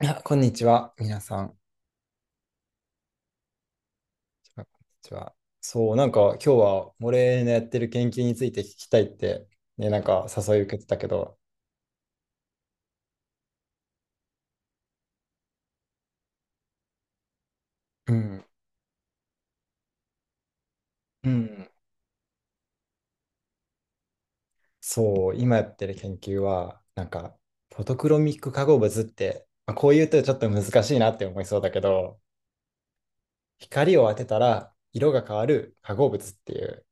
いや、こんにちは、皆さん。こんにちは。そう、なんか今日は俺のやってる研究について聞きたいって、ね、なんか誘い受けてたけど、うん、うん、そう、今やってる研究は、なんか、フォトクロミック化合物って、まあ、こう言うとちょっと難しいなって思いそうだけど、光を当てたら色が変わる化合物っていう、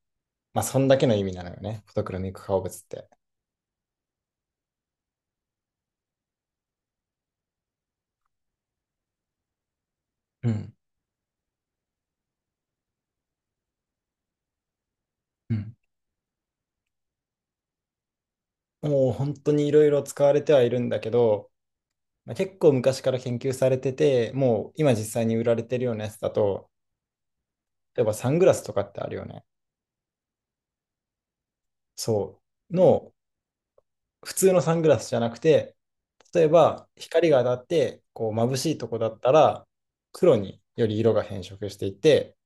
まあ、そんだけの意味なのよね、フォトクロミック化合物って。うん、うん。もう本当にいろいろ使われてはいるんだけど、まあ、結構昔から研究されてて、もう今実際に売られてるようなやつだと、例えばサングラスとかってあるよね。そう。普通のサングラスじゃなくて、例えば光が当たってこう眩しいとこだったら、黒により色が変色していって、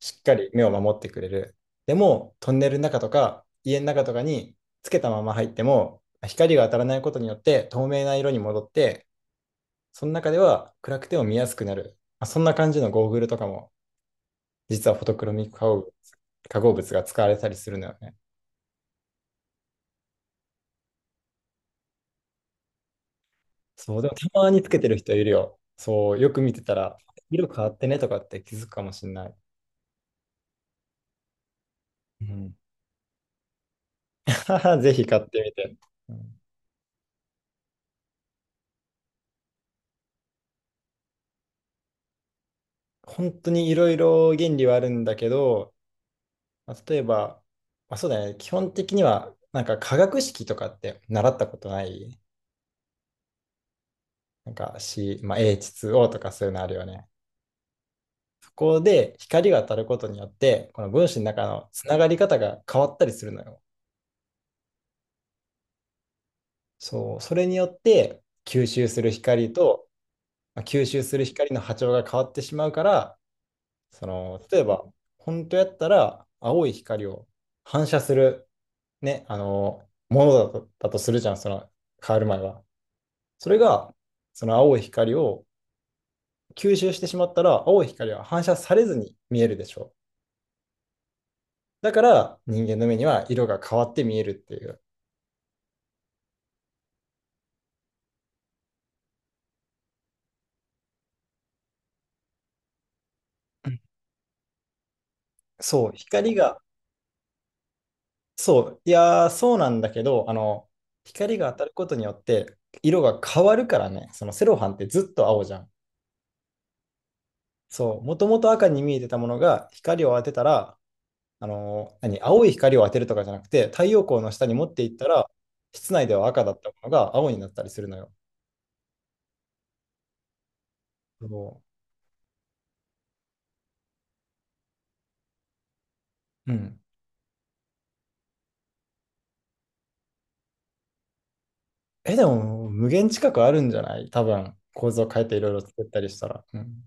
しっかり目を守ってくれる。でも、トンネルの中とか家の中とかにつけたまま入っても、光が当たらないことによって透明な色に戻って、その中では暗くても見やすくなる。まあそんな感じのゴーグルとかも実はフォトクロミック化合物が使われたりするのよね。そう、でもたまにつけてる人いるよ。そう、よく見てたら、色変わってねとかって気づくかもしれない。うん、ぜひ買ってみて。うん、本当にいろいろ原理はあるんだけど、まあ、例えば、まあ、そうだね、基本的には、なんか化学式とかって習ったことない？なんか C、まあ、H2O とかそういうのあるよね。そこで光が当たることによって、この分子の中のつながり方が変わったりするのよ。そう、それによって吸収する光と、まあ、吸収する光の波長が変わってしまうから、その、例えば、本当やったら青い光を反射する、ね、あの、ものだとするじゃん、その変わる前は。それが、その青い光を吸収してしまったら、青い光は反射されずに見えるでしょう。だから、人間の目には色が変わって見えるっていう。そう、そう、いやー、そうなんだけど、あの、光が当たることによって色が変わるからね、そのセロハンってずっと青じゃん。そう、もともと赤に見えてたものが光を当てたら、何、青い光を当てるとかじゃなくて、太陽光の下に持っていったら、室内では赤だったものが青になったりするのよ。そう。うん。え、でも、無限近くあるんじゃない多分、構造変えていろいろ作ったりしたら。うん。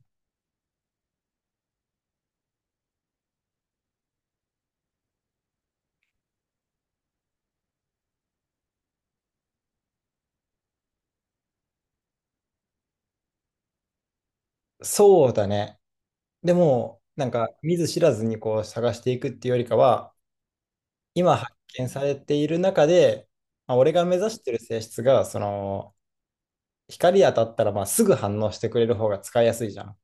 そうだね。でも、なんか見ず知らずにこう探していくっていうよりかは、今発見されている中で、まあ、俺が目指してる性質が、その、光当たったらまあすぐ反応してくれる方が使いやすいじゃん。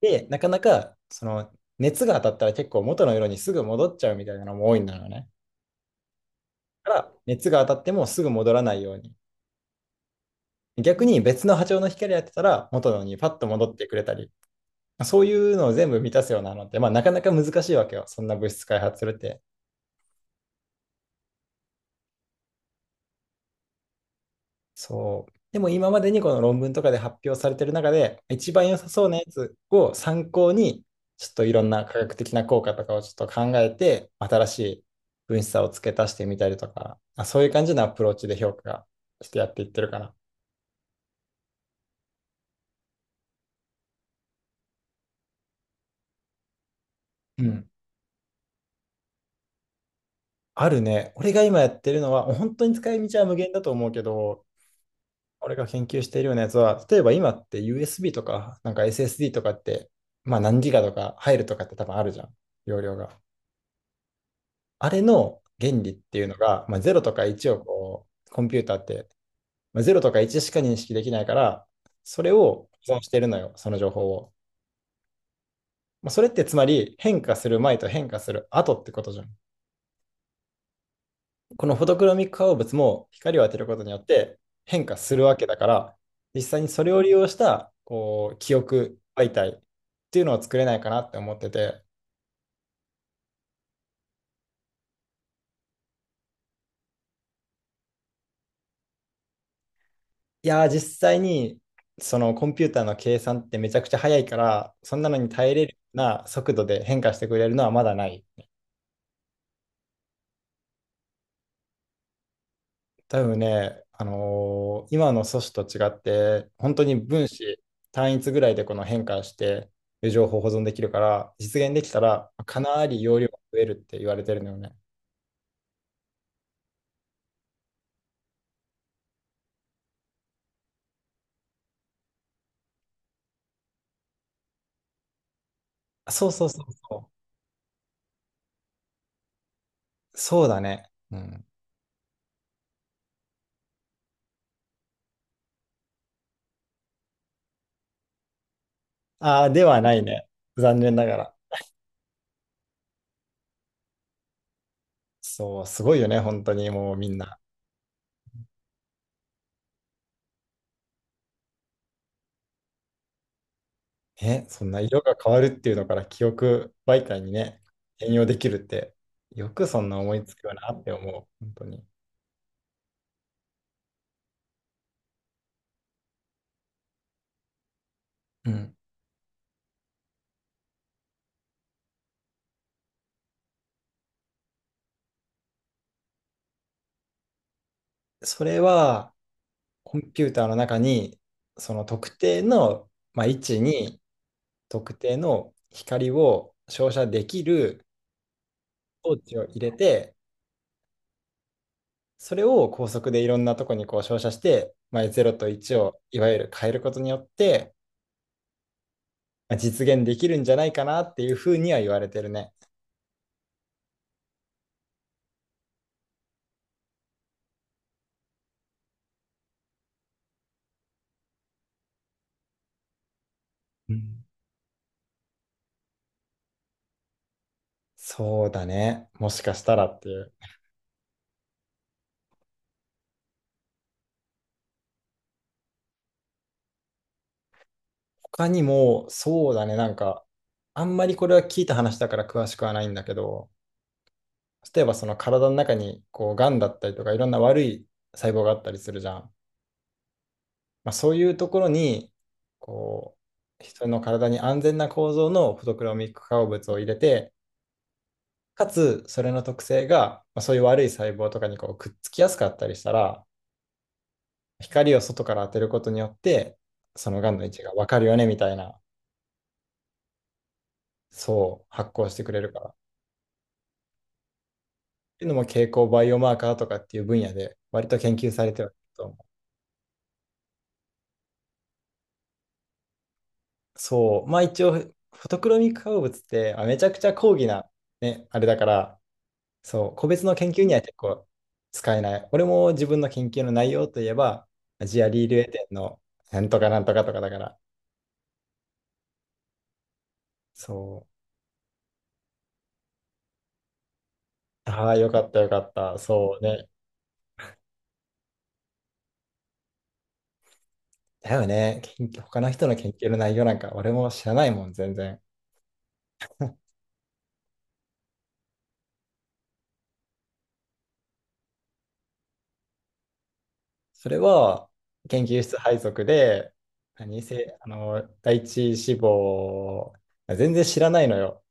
で、なかなか、その、熱が当たったら結構元の色にすぐ戻っちゃうみたいなのも多いんだよね。だから、熱が当たってもすぐ戻らないように。逆に別の波長の光当てたら元のにパッと戻ってくれたり、そういうのを全部満たすようなのって、まあ、なかなか難しいわけよ。そんな物質開発するって。そう。でも今までにこの論文とかで発表されてる中で、一番良さそうなやつを参考に、ちょっといろんな科学的な効果とかをちょっと考えて、新しい分子差を付け足してみたりとか、あ、そういう感じのアプローチで評価がしてやっていってるかな。うん。あるね。俺が今やってるのは、本当に使い道は無限だと思うけど、俺が研究しているようなやつは、例えば今って USB とか、なんか SSD とかって、まあ何ギガとか入るとかって多分あるじゃん。容量が。あれの原理っていうのが、まあ、0とか1をこう、コンピューターって、まあ、0とか1しか認識できないから、それを保存してるのよ、その情報を。まあ、それってつまり変化する前と変化する後ってことじゃん。このフォトクロミック化合物も光を当てることによって変化するわけだから、実際にそれを利用したこう記憶媒体っていうのを作れないかなって思ってて、いやー、実際に、そのコンピューターの計算ってめちゃくちゃ早いから、そんなのに耐えれるような速度で変化してくれるのはまだない。多分ね、今の素子と違って、本当に分子単一ぐらいでこの変化して、情報保存できるから、実現できたら、かなり容量が増えるって言われてるのよね。そうそうそうそう。そうだね。うん。ああ、ではないね。残念ながら。そう、すごいよね、本当にもうみんな。ね、そんな色が変わるっていうのから記憶媒体にね、転用できるって、よくそんな思いつくよなって思う、本当に。うん。それは、コンピューターの中に、その特定の、まあ、位置に特定の光を照射できる装置を入れて、それを高速でいろんなとこにこう照射して、まあ、0と1をいわゆる変えることによって、まあ実現できるんじゃないかなっていうふうには言われてるね。うん。そうだね。もしかしたらっていう。他にも、そうだね。なんか、あんまりこれは聞いた話だから詳しくはないんだけど、例えばその体の中に、こう、癌だったりとか、いろんな悪い細胞があったりするじゃん。まあ、そういうところに、こう、人の体に安全な構造のフォトクロミック化合物を入れて、かつ、それの特性が、まあ、そういう悪い細胞とかにこうくっつきやすかったりしたら、光を外から当てることによって、その癌の位置がわかるよね、みたいな。そう、発酵してくれるから。っていうのも蛍光バイオマーカーとかっていう分野で割と研究されてはいると思う。そう、まあ一応、フォトクロミック化合物ってあめちゃくちゃ高義な、ね、あれだから、そう、個別の研究には結構使えない。俺も自分の研究の内容といえば、アジアリールエデンのなんとかなんとかとかだから、そう、ああ、よかったよかった、そうね。だよね、研究、他の人の研究の内容なんか俺も知らないもん、全然。それは研究室配属で、何せ、あの、第一志望、全然知らないのよ。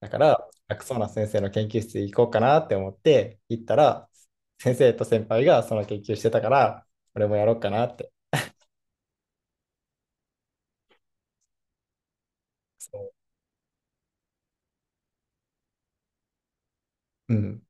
だから、楽そうな先生の研究室行こうかなって思って行ったら、先生と先輩がその研究してたから、俺もやろうかなって。そう。うん。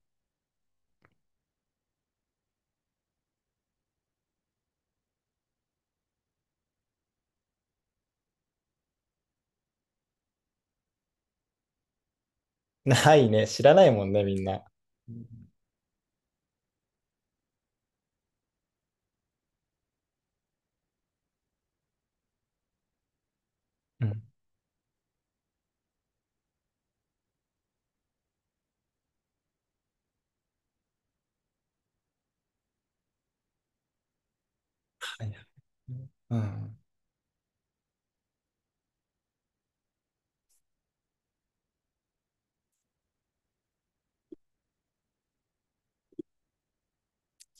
ないね。知らないもんね、みんな。うんうん。はいはい。うん。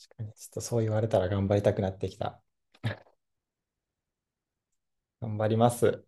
確かに、ちょっとそう言われたら頑張りたくなってきた。頑張ります。